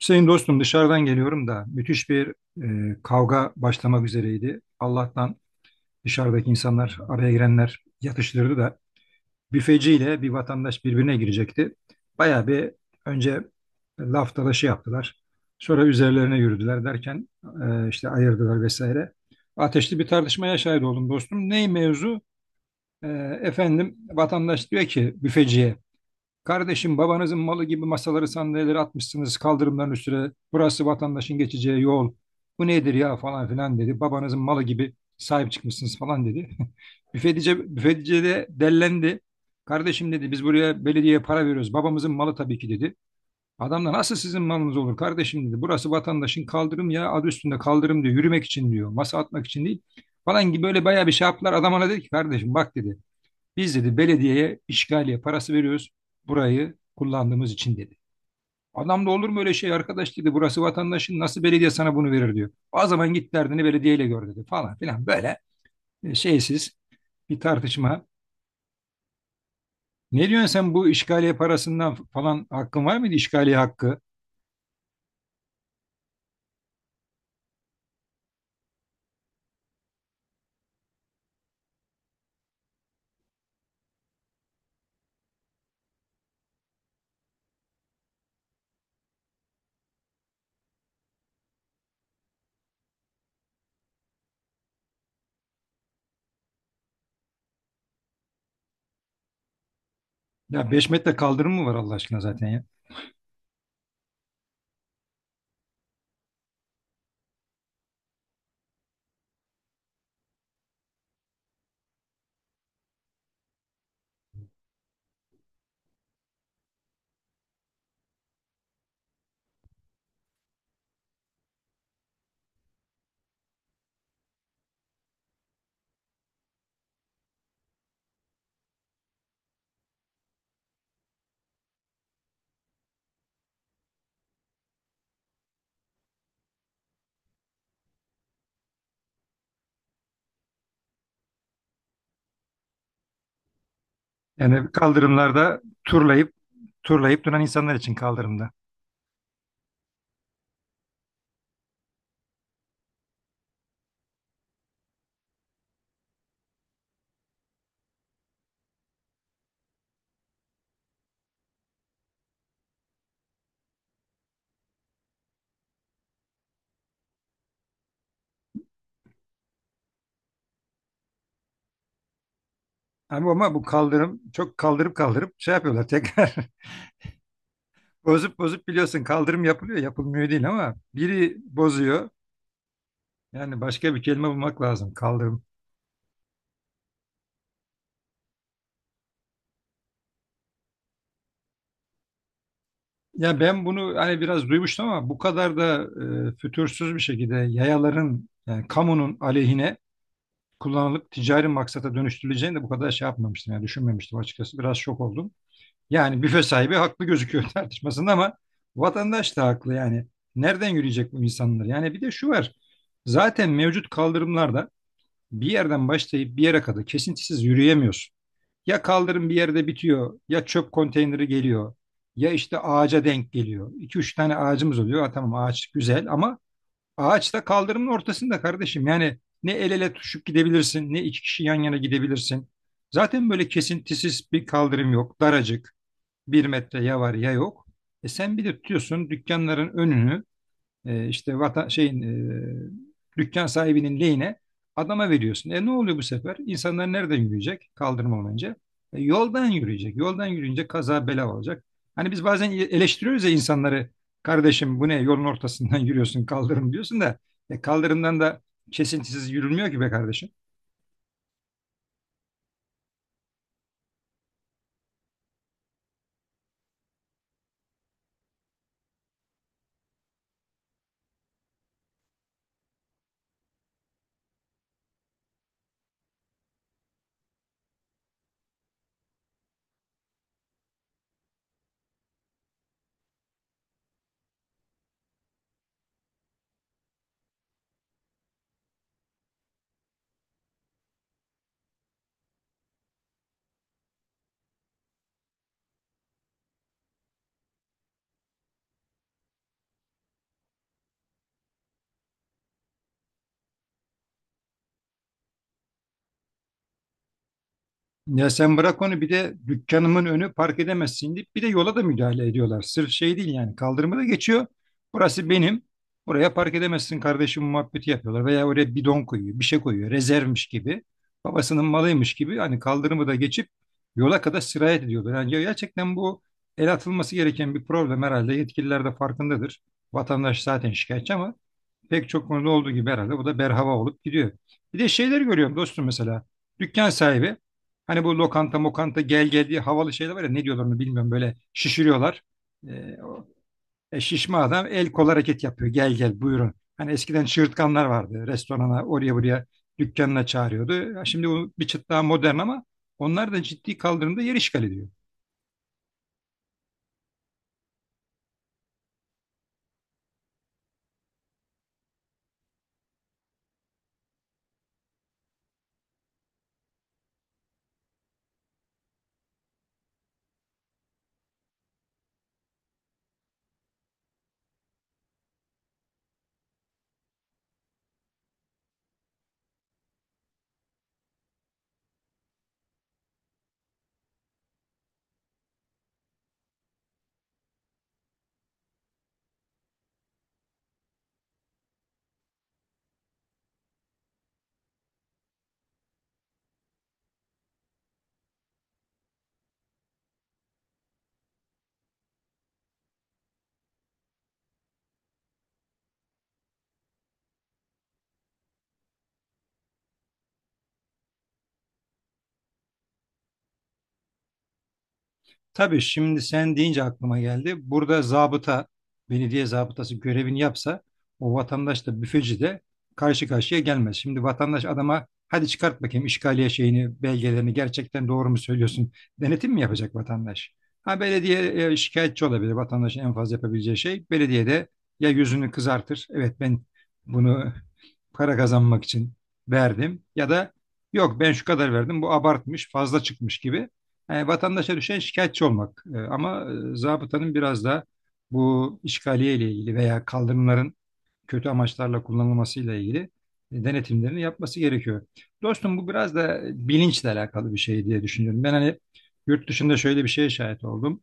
Hüseyin dostum dışarıdan geliyorum da müthiş bir kavga başlamak üzereydi. Allah'tan dışarıdaki insanlar, araya girenler yatıştırdı da büfeciyle bir vatandaş birbirine girecekti. Bayağı bir önce laf dalaşı yaptılar. Sonra üzerlerine yürüdüler derken işte ayırdılar vesaire. Ateşli bir tartışmaya şahit oldum dostum. Ney mevzu? E, Efendim vatandaş diyor ki büfeciye, kardeşim babanızın malı gibi masaları sandalyeleri atmışsınız kaldırımların üstüne. Burası vatandaşın geçeceği yol. Bu nedir ya falan filan dedi. Babanızın malı gibi sahip çıkmışsınız falan dedi. Büfetici, büfetici de dellendi. Kardeşim dedi, biz buraya belediyeye para veriyoruz. Babamızın malı tabii ki dedi. Adam da nasıl sizin malınız olur kardeşim dedi. Burası vatandaşın kaldırım ya, adı üstünde kaldırım diyor. Yürümek için diyor. Masa atmak için değil falan gibi böyle bayağı bir şey yaptılar. Adam ona dedi ki kardeşim bak dedi. Biz dedi belediyeye işgaliye parası veriyoruz burayı kullandığımız için dedi. Adam da olur mu öyle şey arkadaş dedi. Burası vatandaşın, nasıl belediye sana bunu verir diyor. O zaman git derdini belediyeyle gör dedi falan filan böyle şeysiz bir tartışma. Ne diyorsun sen bu işgaliye parasından falan, hakkın var mıydı işgaliye hakkı? Ya 5 metre kaldırım mı var Allah aşkına zaten ya? Yani kaldırımlarda turlayıp turlayıp duran insanlar için kaldırımda. Ama bu kaldırım çok kaldırıp kaldırıp şey yapıyorlar tekrar. Bozup bozup, biliyorsun, kaldırım yapılıyor yapılmıyor değil ama biri bozuyor. Yani başka bir kelime bulmak lazım kaldırım. Ya ben bunu hani biraz duymuştum ama bu kadar da fütursuz bir şekilde yayaların, yani kamunun aleyhine kullanılıp ticari maksata dönüştürüleceğini de bu kadar şey yapmamıştım. Yani düşünmemiştim, açıkçası biraz şok oldum. Yani büfe sahibi haklı gözüküyor tartışmasında ama vatandaş da haklı yani. Nereden yürüyecek bu insanlar? Yani bir de şu var. Zaten mevcut kaldırımlarda bir yerden başlayıp bir yere kadar kesintisiz yürüyemiyorsun. Ya kaldırım bir yerde bitiyor, ya çöp konteyneri geliyor, ya işte ağaca denk geliyor. 2 üç tane ağacımız oluyor. Ha, tamam ağaç güzel ama ağaç da kaldırımın ortasında kardeşim. Yani ne el ele tutuşup gidebilirsin, ne iki kişi yan yana gidebilirsin. Zaten böyle kesintisiz bir kaldırım yok. Daracık. Bir metre ya var ya yok. E sen bir de tutuyorsun dükkanların önünü, işte vatan, şeyin, dükkan sahibinin lehine adama veriyorsun. E ne oluyor bu sefer? İnsanlar nereden yürüyecek? Kaldırım önce. E, yoldan yürüyecek. Yoldan yürüyünce kaza bela olacak. Hani biz bazen eleştiriyoruz ya insanları. Kardeşim bu ne? Yolun ortasından yürüyorsun kaldırım diyorsun da. E, kaldırımdan da kesintisiz yürünmüyor ki be kardeşim. Ya sen bırak onu, bir de dükkanımın önü park edemezsin deyip bir de yola da müdahale ediyorlar. Sırf şey değil yani, kaldırımı da geçiyor. Burası benim. Buraya park edemezsin kardeşim muhabbeti yapıyorlar. Veya oraya bidon koyuyor, bir şey koyuyor. Rezervmiş gibi. Babasının malıymış gibi. Hani kaldırımı da geçip yola kadar sirayet ediyorlar. Yani gerçekten bu el atılması gereken bir problem herhalde. Yetkililer de farkındadır. Vatandaş zaten şikayetçi ama pek çok konuda olduğu gibi herhalde bu da berhava olup gidiyor. Bir de şeyleri görüyorum dostum mesela. Dükkan sahibi, hani bu lokanta mokanta gel gel diye havalı şeyler var ya, ne diyorlar onu bilmiyorum, böyle şişiriyorlar. Ee, o- Şişme adam el kol hareket yapıyor, gel gel buyurun. Hani eskiden çığırtkanlar vardı, restorana, oraya buraya, dükkanına çağırıyordu. Ya şimdi bu bir çıt daha modern ama onlar da ciddi kaldırımda yer işgal ediyor. Tabii şimdi sen deyince aklıma geldi. Burada zabıta, belediye zabıtası görevini yapsa o vatandaş da büfeci de karşı karşıya gelmez. Şimdi vatandaş adama, hadi çıkart bakayım işgaliye şeyini, belgelerini, gerçekten doğru mu söylüyorsun? Denetim mi yapacak vatandaş? Ha belediye şikayetçi olabilir. Vatandaşın en fazla yapabileceği şey belediye de ya yüzünü kızartır. Evet ben bunu para kazanmak için verdim, ya da yok ben şu kadar verdim bu abartmış fazla çıkmış gibi. Yani vatandaşa düşen şikayetçi olmak. E, ama zabıtanın biraz da bu işgaliye ile ilgili veya kaldırımların kötü amaçlarla kullanılmasıyla ilgili denetimlerini yapması gerekiyor. Dostum bu biraz da bilinçle alakalı bir şey diye düşünüyorum. Ben hani yurt dışında şöyle bir şeye şahit oldum.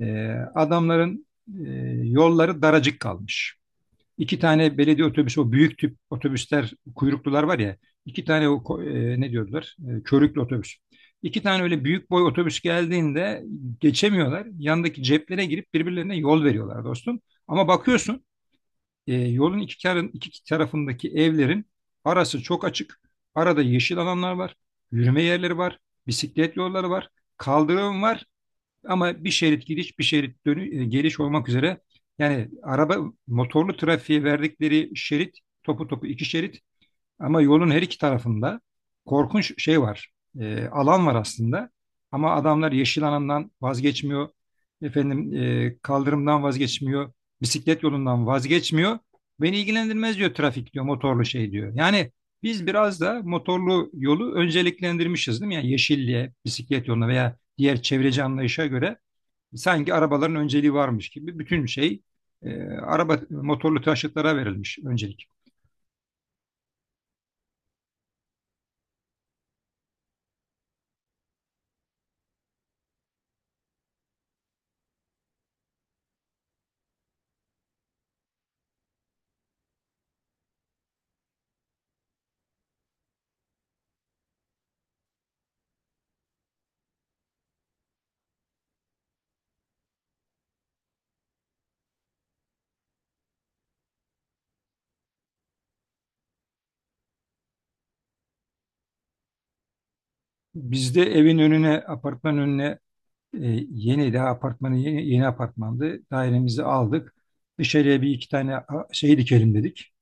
E, Adamların e, yolları daracık kalmış. İki tane belediye otobüsü, o büyük tip otobüsler, kuyruklular var ya. İki tane o ne diyorlar? E, körüklü otobüs. İki tane öyle büyük boy otobüs geldiğinde geçemiyorlar. Yandaki ceplere girip birbirlerine yol veriyorlar dostum. Ama bakıyorsun yolun iki, karın, iki tarafındaki evlerin arası çok açık. Arada yeşil alanlar var, yürüme yerleri var, bisiklet yolları var, kaldırım var. Ama bir şerit gidiş, bir şerit dönü, geliş olmak üzere, yani araba, motorlu trafiğe verdikleri şerit topu topu iki şerit, ama yolun her iki tarafında korkunç şey var. E, alan var aslında. Ama adamlar yeşil alandan vazgeçmiyor. Efendim kaldırımdan vazgeçmiyor. Bisiklet yolundan vazgeçmiyor. Beni ilgilendirmez diyor, trafik diyor, motorlu şey diyor. Yani biz biraz da motorlu yolu önceliklendirmişiz değil mi? Yani yeşilliğe, bisiklet yoluna veya diğer çevreci anlayışa göre sanki arabaların önceliği varmış gibi bütün şey, araba, motorlu taşıtlara verilmiş öncelik. Bizde evin önüne, apartmanın önüne, e, yeni daha apartmanı, yeni apartmandı. Dairemizi aldık. Dışarıya bir iki tane şey dikelim dedik.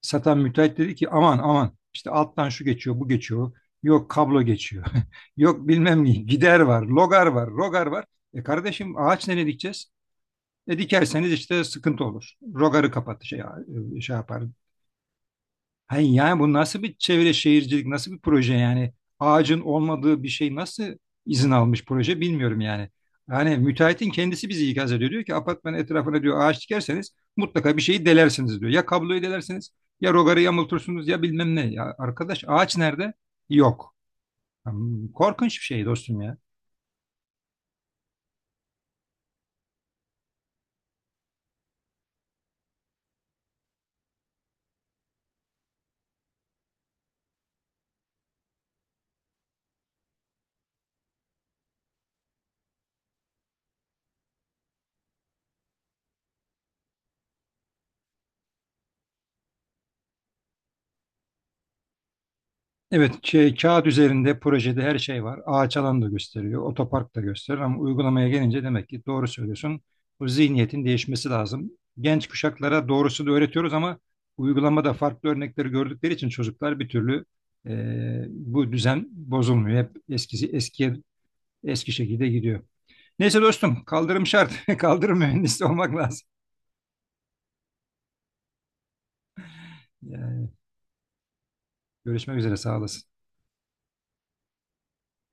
Satan müteahhit dedi ki aman aman işte alttan şu geçiyor, bu geçiyor. Yok kablo geçiyor. Yok bilmem ne, gider var, logar var, rogar var. E kardeşim ağaç nereye dikeceğiz? E dikerseniz işte sıkıntı olur. Rogarı kapat şey, şey yapar. Hayır yani bu nasıl bir çevre şehircilik, nasıl bir proje yani? Ağacın olmadığı bir şey nasıl izin almış proje bilmiyorum yani. Yani müteahhitin kendisi bizi ikaz ediyor. Diyor ki apartmanın etrafına diyor ağaç dikerseniz mutlaka bir şeyi delersiniz diyor. Ya kabloyu delersiniz, ya rogarı yamultursunuz, ya bilmem ne. Ya arkadaş ağaç nerede? Yok. Hmm, korkunç bir şey dostum ya. Evet, şey, kağıt üzerinde projede her şey var. Ağaç alan da gösteriyor, otopark da gösteriyor ama uygulamaya gelince demek ki doğru söylüyorsun. Bu zihniyetin değişmesi lazım. Genç kuşaklara doğrusu da öğretiyoruz ama uygulamada farklı örnekleri gördükleri için çocuklar bir türlü bu düzen bozulmuyor. Hep eskisi eskiye eski şekilde gidiyor. Neyse dostum, kaldırım şart. Kaldırım mühendisi olmak lazım. Yani görüşmek üzere, sağ olasın.